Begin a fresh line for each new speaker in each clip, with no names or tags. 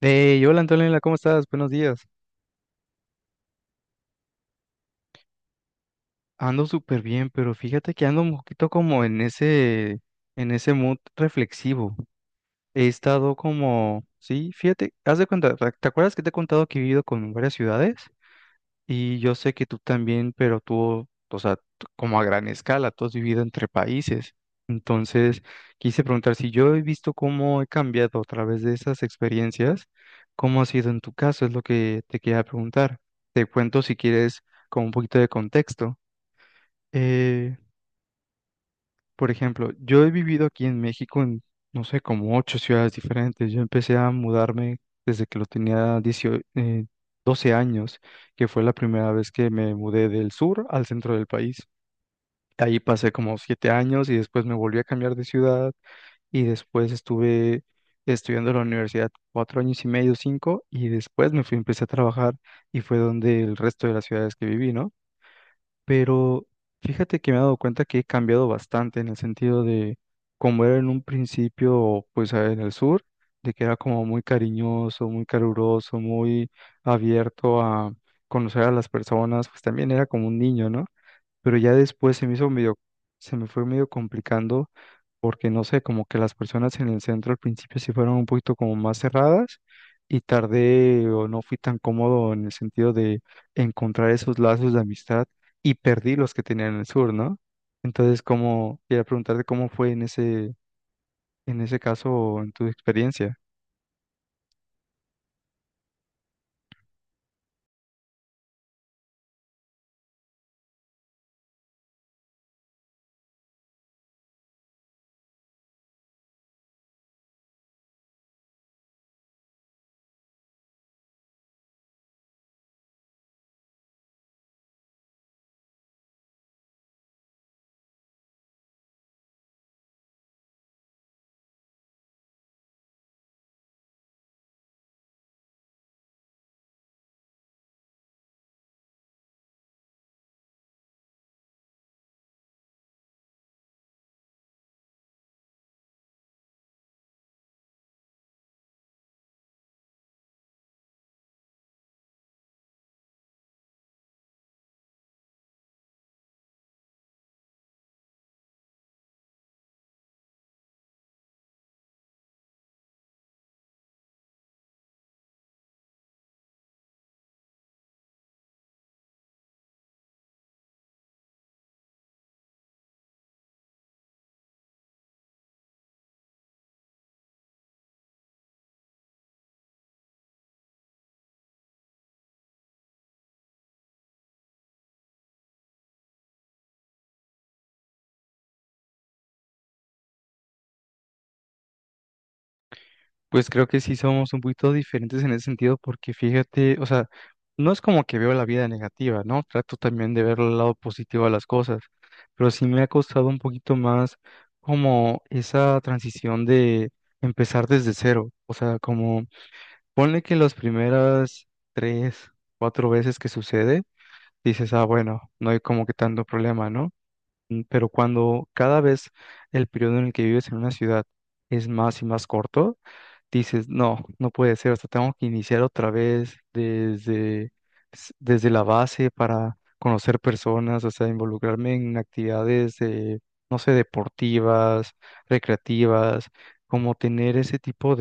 Hey, hola Antonella, ¿cómo estás? Buenos días. Ando súper bien, pero fíjate que ando un poquito como en ese mood reflexivo. He estado como, sí, fíjate, haz de cuenta, ¿te acuerdas que te he contado que he vivido con varias ciudades? Y yo sé que tú también, pero tú, o sea, tú- como a gran escala, tú has vivido entre países. Entonces, quise preguntar si yo he visto cómo he cambiado a través de esas experiencias, cómo ha sido en tu caso, es lo que te quería preguntar. Te cuento si quieres con un poquito de contexto. Eh, por ejemplo, yo he vivido aquí en México en, no sé, como 8 ciudades diferentes. Yo empecé a mudarme desde que lo tenía 18, 12 años, que fue la primera vez que me mudé del sur al centro del país. De ahí pasé como 7 años y después me volví a cambiar de ciudad y después estuve estudiando en la universidad 4 años y medio, cinco, y después me fui, empecé a trabajar y fue donde el resto de las ciudades que viví, ¿no? Pero fíjate que me he dado cuenta que he cambiado bastante en el sentido de como era en un principio, pues en el sur, de que era como muy cariñoso, muy caluroso, muy abierto a conocer a las personas, pues también era como un niño, ¿no? Pero ya después se me hizo medio, se me fue medio complicando porque no sé, como que las personas en el centro al principio sí fueron un poquito como más cerradas y tardé o no fui tan cómodo en el sentido de encontrar esos lazos de amistad y perdí los que tenía en el sur, ¿no? Entonces, como quería preguntarte cómo fue en ese caso, en tu experiencia. Pues creo que sí somos un poquito diferentes en ese sentido porque fíjate, o sea, no es como que veo la vida negativa, ¿no? Trato también de ver el lado positivo a las cosas, pero sí me ha costado un poquito más como esa transición de empezar desde cero, o sea, como ponle que las primeras tres, cuatro veces que sucede, dices, ah, bueno, no hay como que tanto problema, ¿no? Pero cuando cada vez el periodo en el que vives en una ciudad es más y más corto, dices, no, no puede ser, hasta tengo que iniciar otra vez desde, desde la base para conocer personas, o sea, involucrarme en actividades de, no sé, deportivas, recreativas, como tener ese tipo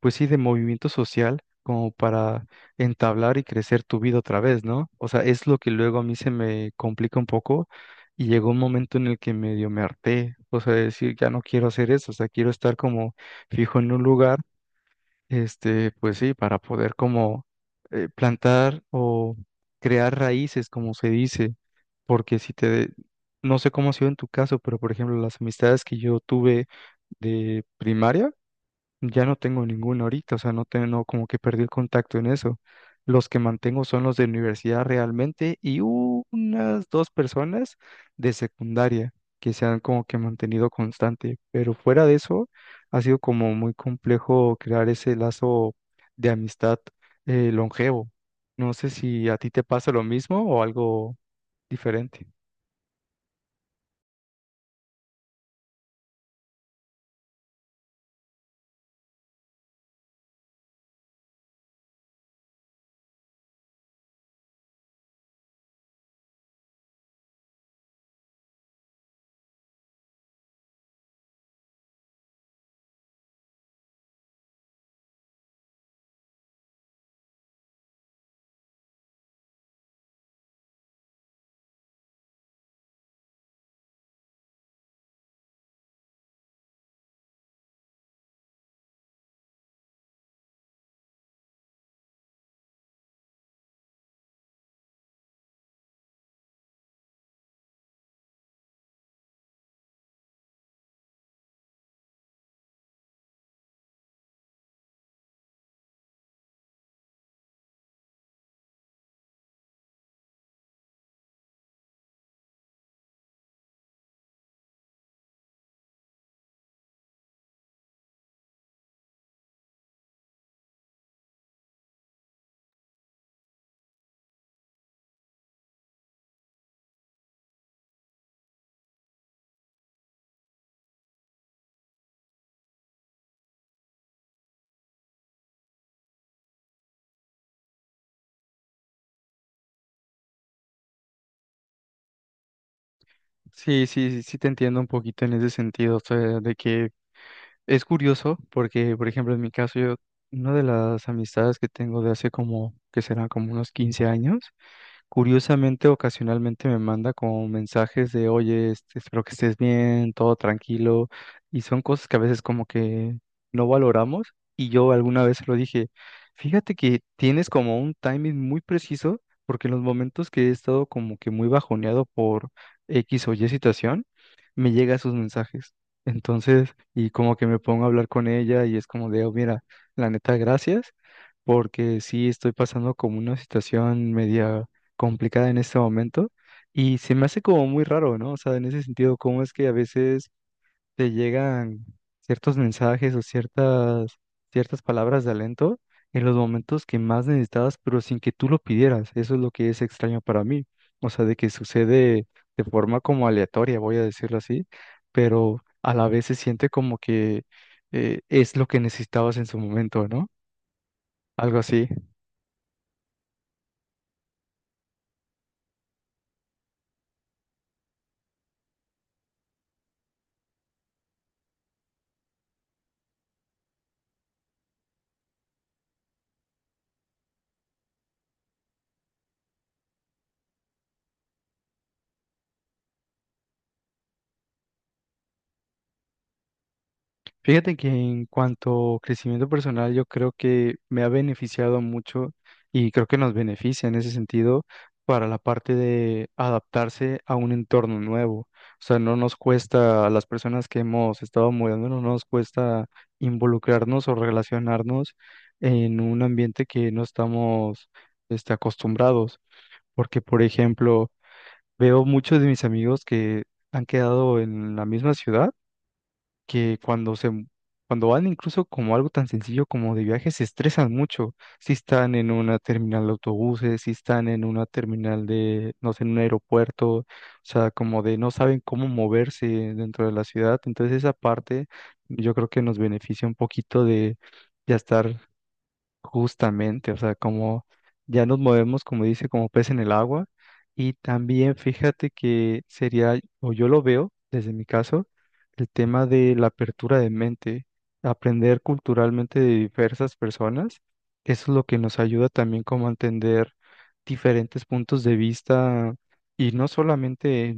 pues sí, de movimiento social como para entablar y crecer tu vida otra vez, ¿no? O sea, es lo que luego a mí se me complica un poco y llegó un momento en el que medio me harté, o sea, de decir, ya no quiero hacer eso, o sea, quiero estar como fijo en un lugar, este, pues sí, para poder como plantar o crear raíces, como se dice, porque si te, no sé cómo ha sido en tu caso, pero por ejemplo, las amistades que yo tuve de primaria, ya no tengo ninguno ahorita, o sea, no tengo como que perdí el contacto en eso. Los que mantengo son los de universidad realmente y unas dos personas de secundaria que se han como que mantenido constante, pero fuera de eso ha sido como muy complejo crear ese lazo de amistad longevo. No sé si a ti te pasa lo mismo o algo diferente. Sí, sí, sí, sí te entiendo un poquito en ese sentido, o sea, de que es curioso porque, por ejemplo, en mi caso, yo, una de las amistades que tengo de hace como, que será como unos 15 años, curiosamente, ocasionalmente me manda como mensajes de, oye, este, espero que estés bien, todo tranquilo, y son cosas que a veces como que no valoramos, y yo alguna vez se lo dije, fíjate que tienes como un timing muy preciso, porque en los momentos que he estado como que muy bajoneado por X o Y situación, me llega sus mensajes. Entonces, y como que me pongo a hablar con ella y es como de, "Oh, mira, la neta, gracias, porque sí estoy pasando como una situación media complicada en este momento y se me hace como muy raro, ¿no? O sea, en ese sentido, ¿cómo es que a veces te llegan ciertos mensajes o ciertas, ciertas palabras de alento en los momentos que más necesitabas, pero sin que tú lo pidieras? Eso es lo que es extraño para mí. O sea, de que sucede de forma como aleatoria, voy a decirlo así, pero a la vez se siente como que es lo que necesitabas en su momento, ¿no? Algo así. Fíjate que en cuanto a crecimiento personal, yo creo que me ha beneficiado mucho y creo que nos beneficia en ese sentido para la parte de adaptarse a un entorno nuevo. O sea, no nos cuesta, a las personas que hemos estado mudando, no nos cuesta involucrarnos o relacionarnos en un ambiente que no estamos este, acostumbrados. Porque, por ejemplo, veo muchos de mis amigos que han quedado en la misma ciudad que cuando se, cuando van incluso como algo tan sencillo como de viaje, se estresan mucho. Si están en una terminal de autobuses, si están en una terminal de, no sé, en un aeropuerto, o sea, como de no saben cómo moverse dentro de la ciudad. Entonces esa parte yo creo que nos beneficia un poquito de ya estar justamente, o sea, como ya nos movemos, como dice, como pez en el agua. Y también fíjate que sería, o yo lo veo desde mi caso, el tema de la apertura de mente, aprender culturalmente de diversas personas, eso es lo que nos ayuda también como a entender diferentes puntos de vista y no solamente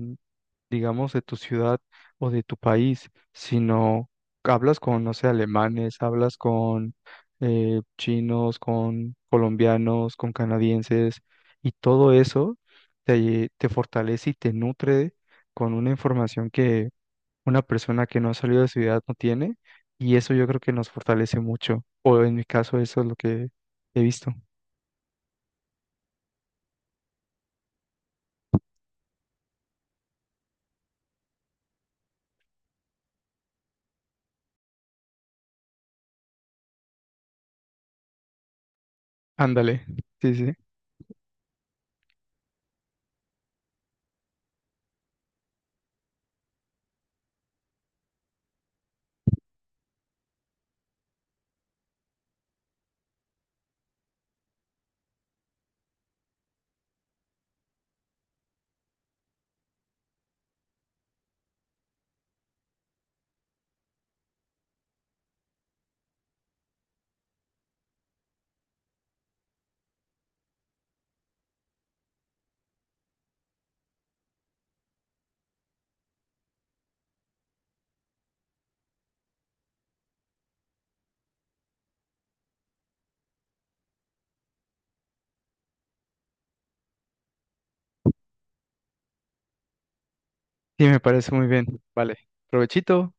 digamos, de tu ciudad o de tu país, sino hablas con, no sé, alemanes, hablas con chinos, con colombianos, con canadienses, y todo eso te, te fortalece y te nutre con una información que una persona que no ha salido de su ciudad no tiene, y eso yo creo que nos fortalece mucho, o en mi caso eso es lo que he visto. Ándale, sí, sí, sí, me parece muy bien, vale, provechito.